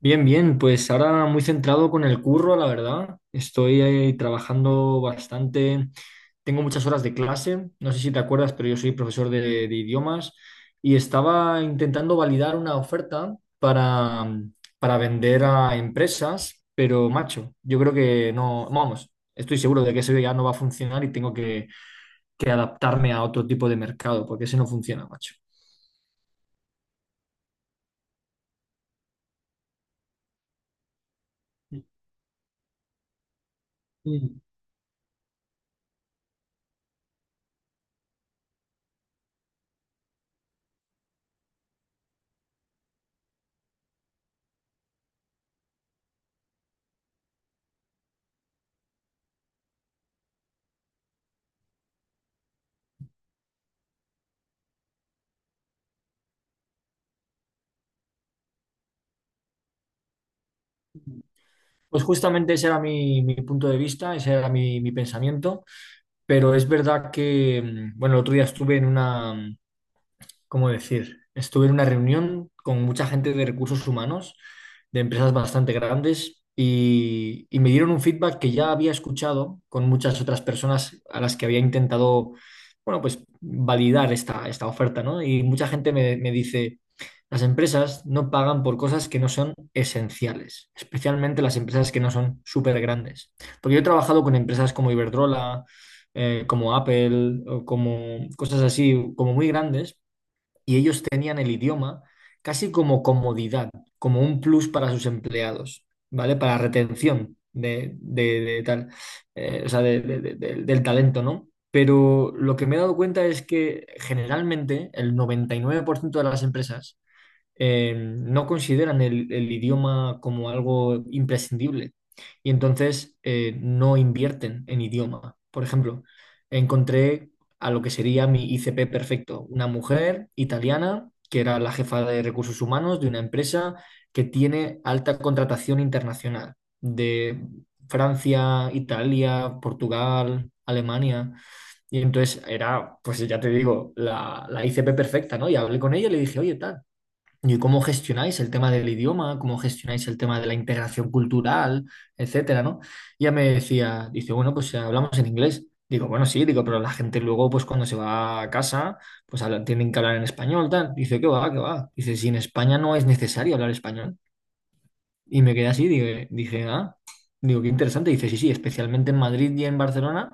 Bien, bien, pues ahora muy centrado con el curro, la verdad. Estoy ahí trabajando bastante, tengo muchas horas de clase, no sé si te acuerdas, pero yo soy profesor de idiomas y estaba intentando validar una oferta para vender a empresas, pero macho, yo creo que no, vamos, estoy seguro de que eso ya no va a funcionar y tengo que adaptarme a otro tipo de mercado, porque ese no funciona, macho. Pues justamente ese era mi punto de vista, ese era mi pensamiento, pero es verdad que, bueno, el otro día estuve en una, ¿cómo decir? Estuve en una reunión con mucha gente de recursos humanos, de empresas bastante grandes, y me dieron un feedback que ya había escuchado con muchas otras personas a las que había intentado, bueno, pues validar esta oferta, ¿no? Y mucha gente me dice, las empresas no pagan por cosas que no son esenciales, especialmente las empresas que no son súper grandes. Porque yo he trabajado con empresas como Iberdrola, como Apple, o como cosas así, como muy grandes, y ellos tenían el idioma casi como comodidad, como un plus para sus empleados, ¿vale? Para retención de tal, o sea, del talento, ¿no? Pero lo que me he dado cuenta es que generalmente el 99% de las empresas no consideran el idioma como algo imprescindible y entonces no invierten en idioma. Por ejemplo, encontré a lo que sería mi ICP perfecto, una mujer italiana que era la jefa de recursos humanos de una empresa que tiene alta contratación internacional de Francia, Italia, Portugal, Alemania. Y entonces era, pues ya te digo, la ICP perfecta, ¿no? Y hablé con ella y le dije, oye, tal. ¿Y cómo gestionáis el tema del idioma? ¿Cómo gestionáis el tema de la integración cultural, etcétera, ¿no? Y ella me decía, dice, bueno, pues hablamos en inglés. Digo, bueno, sí, digo, pero la gente luego, pues cuando se va a casa, pues tienen que hablar en español, tal. Dice, ¿qué va, qué va? Dice, si en España no es necesario hablar español. Y me quedé así, dije, ah, digo, qué interesante. Dice, sí, sí, especialmente en Madrid y en Barcelona.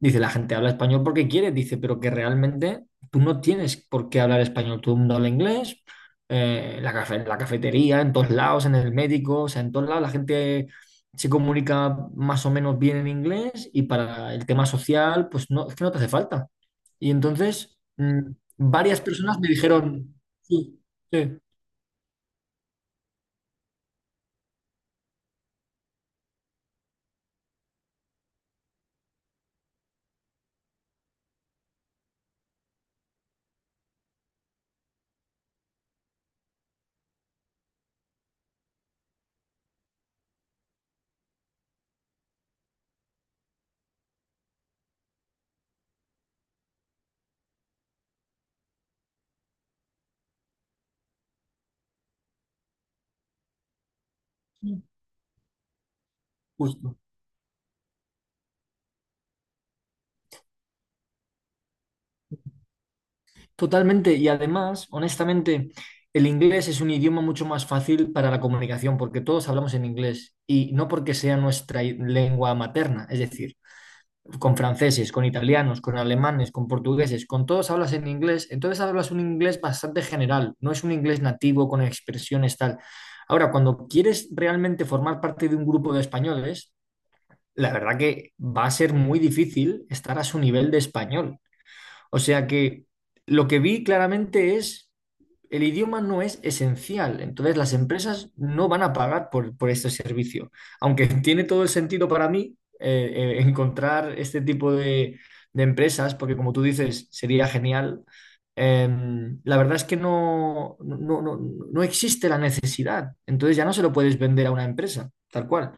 Dice, la gente habla español porque quiere, dice, pero que realmente tú no tienes por qué hablar español. Todo el mundo habla inglés, la en la cafetería, en todos lados, en el médico, o sea, en todos lados la gente se comunica más o menos bien en inglés y para el tema social, pues no, es que no te hace falta. Y entonces, varias personas me dijeron, sí, sí, sí, justo. Totalmente, y además, honestamente, el inglés es un idioma mucho más fácil para la comunicación porque todos hablamos en inglés y no porque sea nuestra lengua materna, es decir, con franceses, con italianos, con alemanes, con portugueses, con todos hablas en inglés, entonces hablas un inglés bastante general, no es un inglés nativo con expresiones tal. Ahora, cuando quieres realmente formar parte de un grupo de españoles, la verdad que va a ser muy difícil estar a su nivel de español. O sea que lo que vi claramente es, el idioma no es esencial, entonces las empresas no van a pagar por este servicio, aunque tiene todo el sentido para mí encontrar este tipo de empresas, porque como tú dices, sería genial. La verdad es que no, no, no, no existe la necesidad, entonces ya no se lo puedes vender a una empresa, tal cual.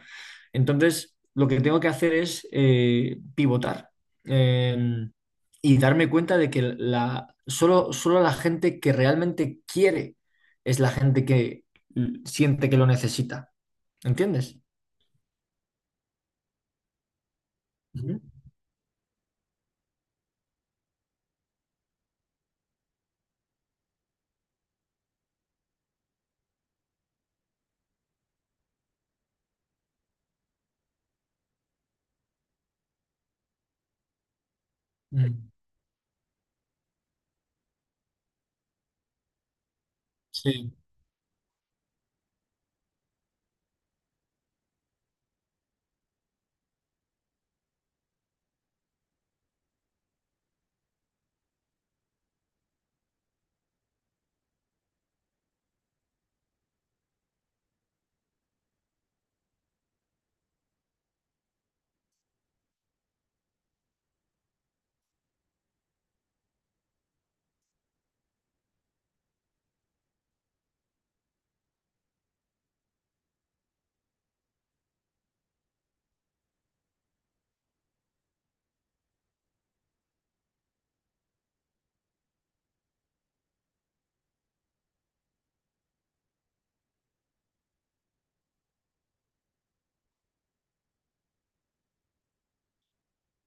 Entonces, lo que tengo que hacer es pivotar. Em, y darme cuenta de que solo, solo la gente que realmente quiere es la gente que siente que lo necesita. ¿Entiendes? Ujú. Mm. Sí.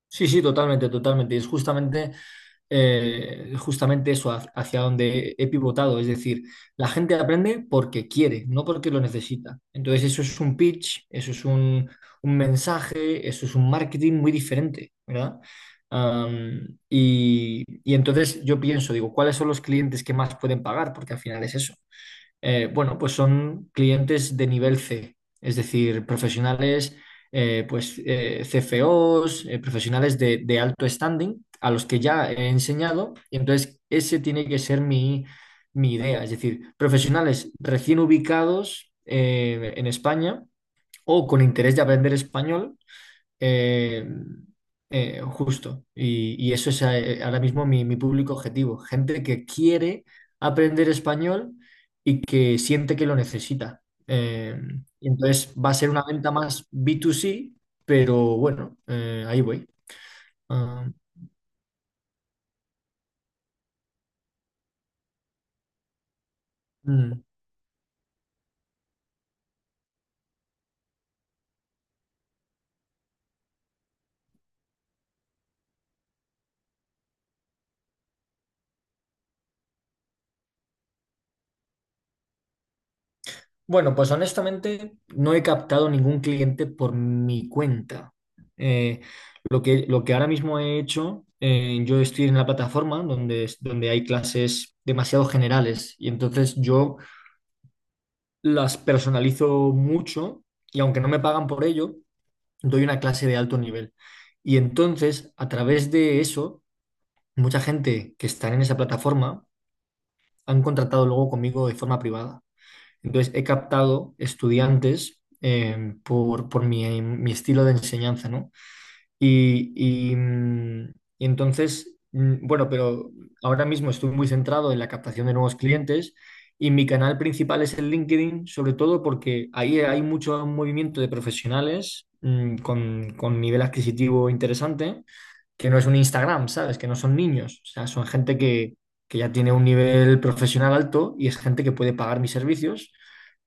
Sí, sí, totalmente, totalmente. Y es justamente justamente eso hacia donde he pivotado. Es decir, la gente aprende porque quiere, no porque lo necesita. Entonces, eso es un pitch, eso es un mensaje, eso es un marketing muy diferente, ¿verdad? Y entonces yo pienso, digo, ¿cuáles son los clientes que más pueden pagar? Porque al final es eso. Bueno, pues son clientes de nivel C, es decir, profesionales CFOs, profesionales de alto standing a los que ya he enseñado. Y entonces ese tiene que ser mi idea, es decir, profesionales recién ubicados en España o con interés de aprender español eh, justo. Y eso es ahora mismo mi público objetivo. Gente que quiere aprender español y que siente que lo necesita. Y entonces va a ser una venta más B2C, pero bueno, ahí voy. Ah, mm. Bueno, pues honestamente no he captado ningún cliente por mi cuenta. Eh, lo que ahora mismo he hecho, yo estoy en la plataforma donde, donde hay clases demasiado generales y entonces yo las personalizo mucho y aunque no me pagan por ello, doy una clase de alto nivel. Y entonces, a través de eso, mucha gente que está en esa plataforma han contratado luego conmigo de forma privada. Entonces he captado estudiantes por mi estilo de enseñanza, ¿no? Y, y, mm, y entonces, bueno, pero ahora mismo estoy muy centrado en la captación de nuevos clientes y mi canal principal es el LinkedIn, sobre todo porque ahí hay mucho movimiento de profesionales con nivel adquisitivo interesante, que no es un Instagram, ¿sabes? Que no son niños, o sea, son gente que ya tiene un nivel profesional alto y es gente que puede pagar mis servicios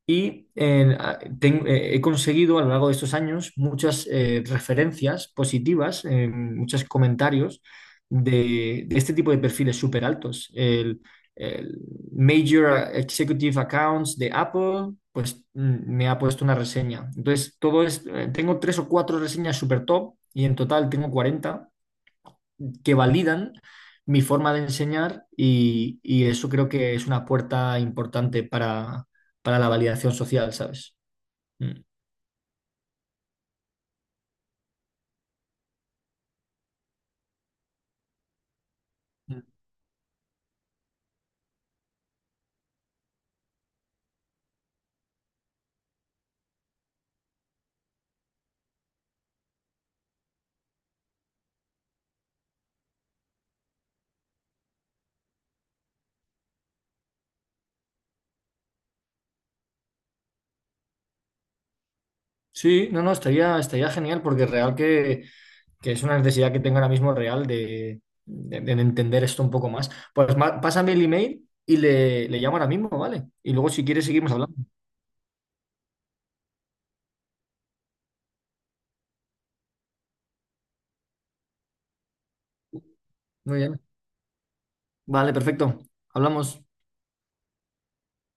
y he conseguido a lo largo de estos años muchas referencias positivas, muchos comentarios de este tipo de perfiles súper altos. El Major Executive Accounts de Apple, pues me ha puesto una reseña. Entonces, todo es, tengo tres o cuatro reseñas súper top y en total tengo 40 que validan mi forma de enseñar y eso creo que es una puerta importante para la validación social, ¿sabes? Mm. Sí, no, no, estaría genial porque real que es una necesidad que tengo ahora mismo real de entender esto un poco más. Pues pásame el email y le llamo ahora mismo, ¿vale? Y luego si quieres seguimos hablando. Muy bien. Vale, perfecto. Hablamos.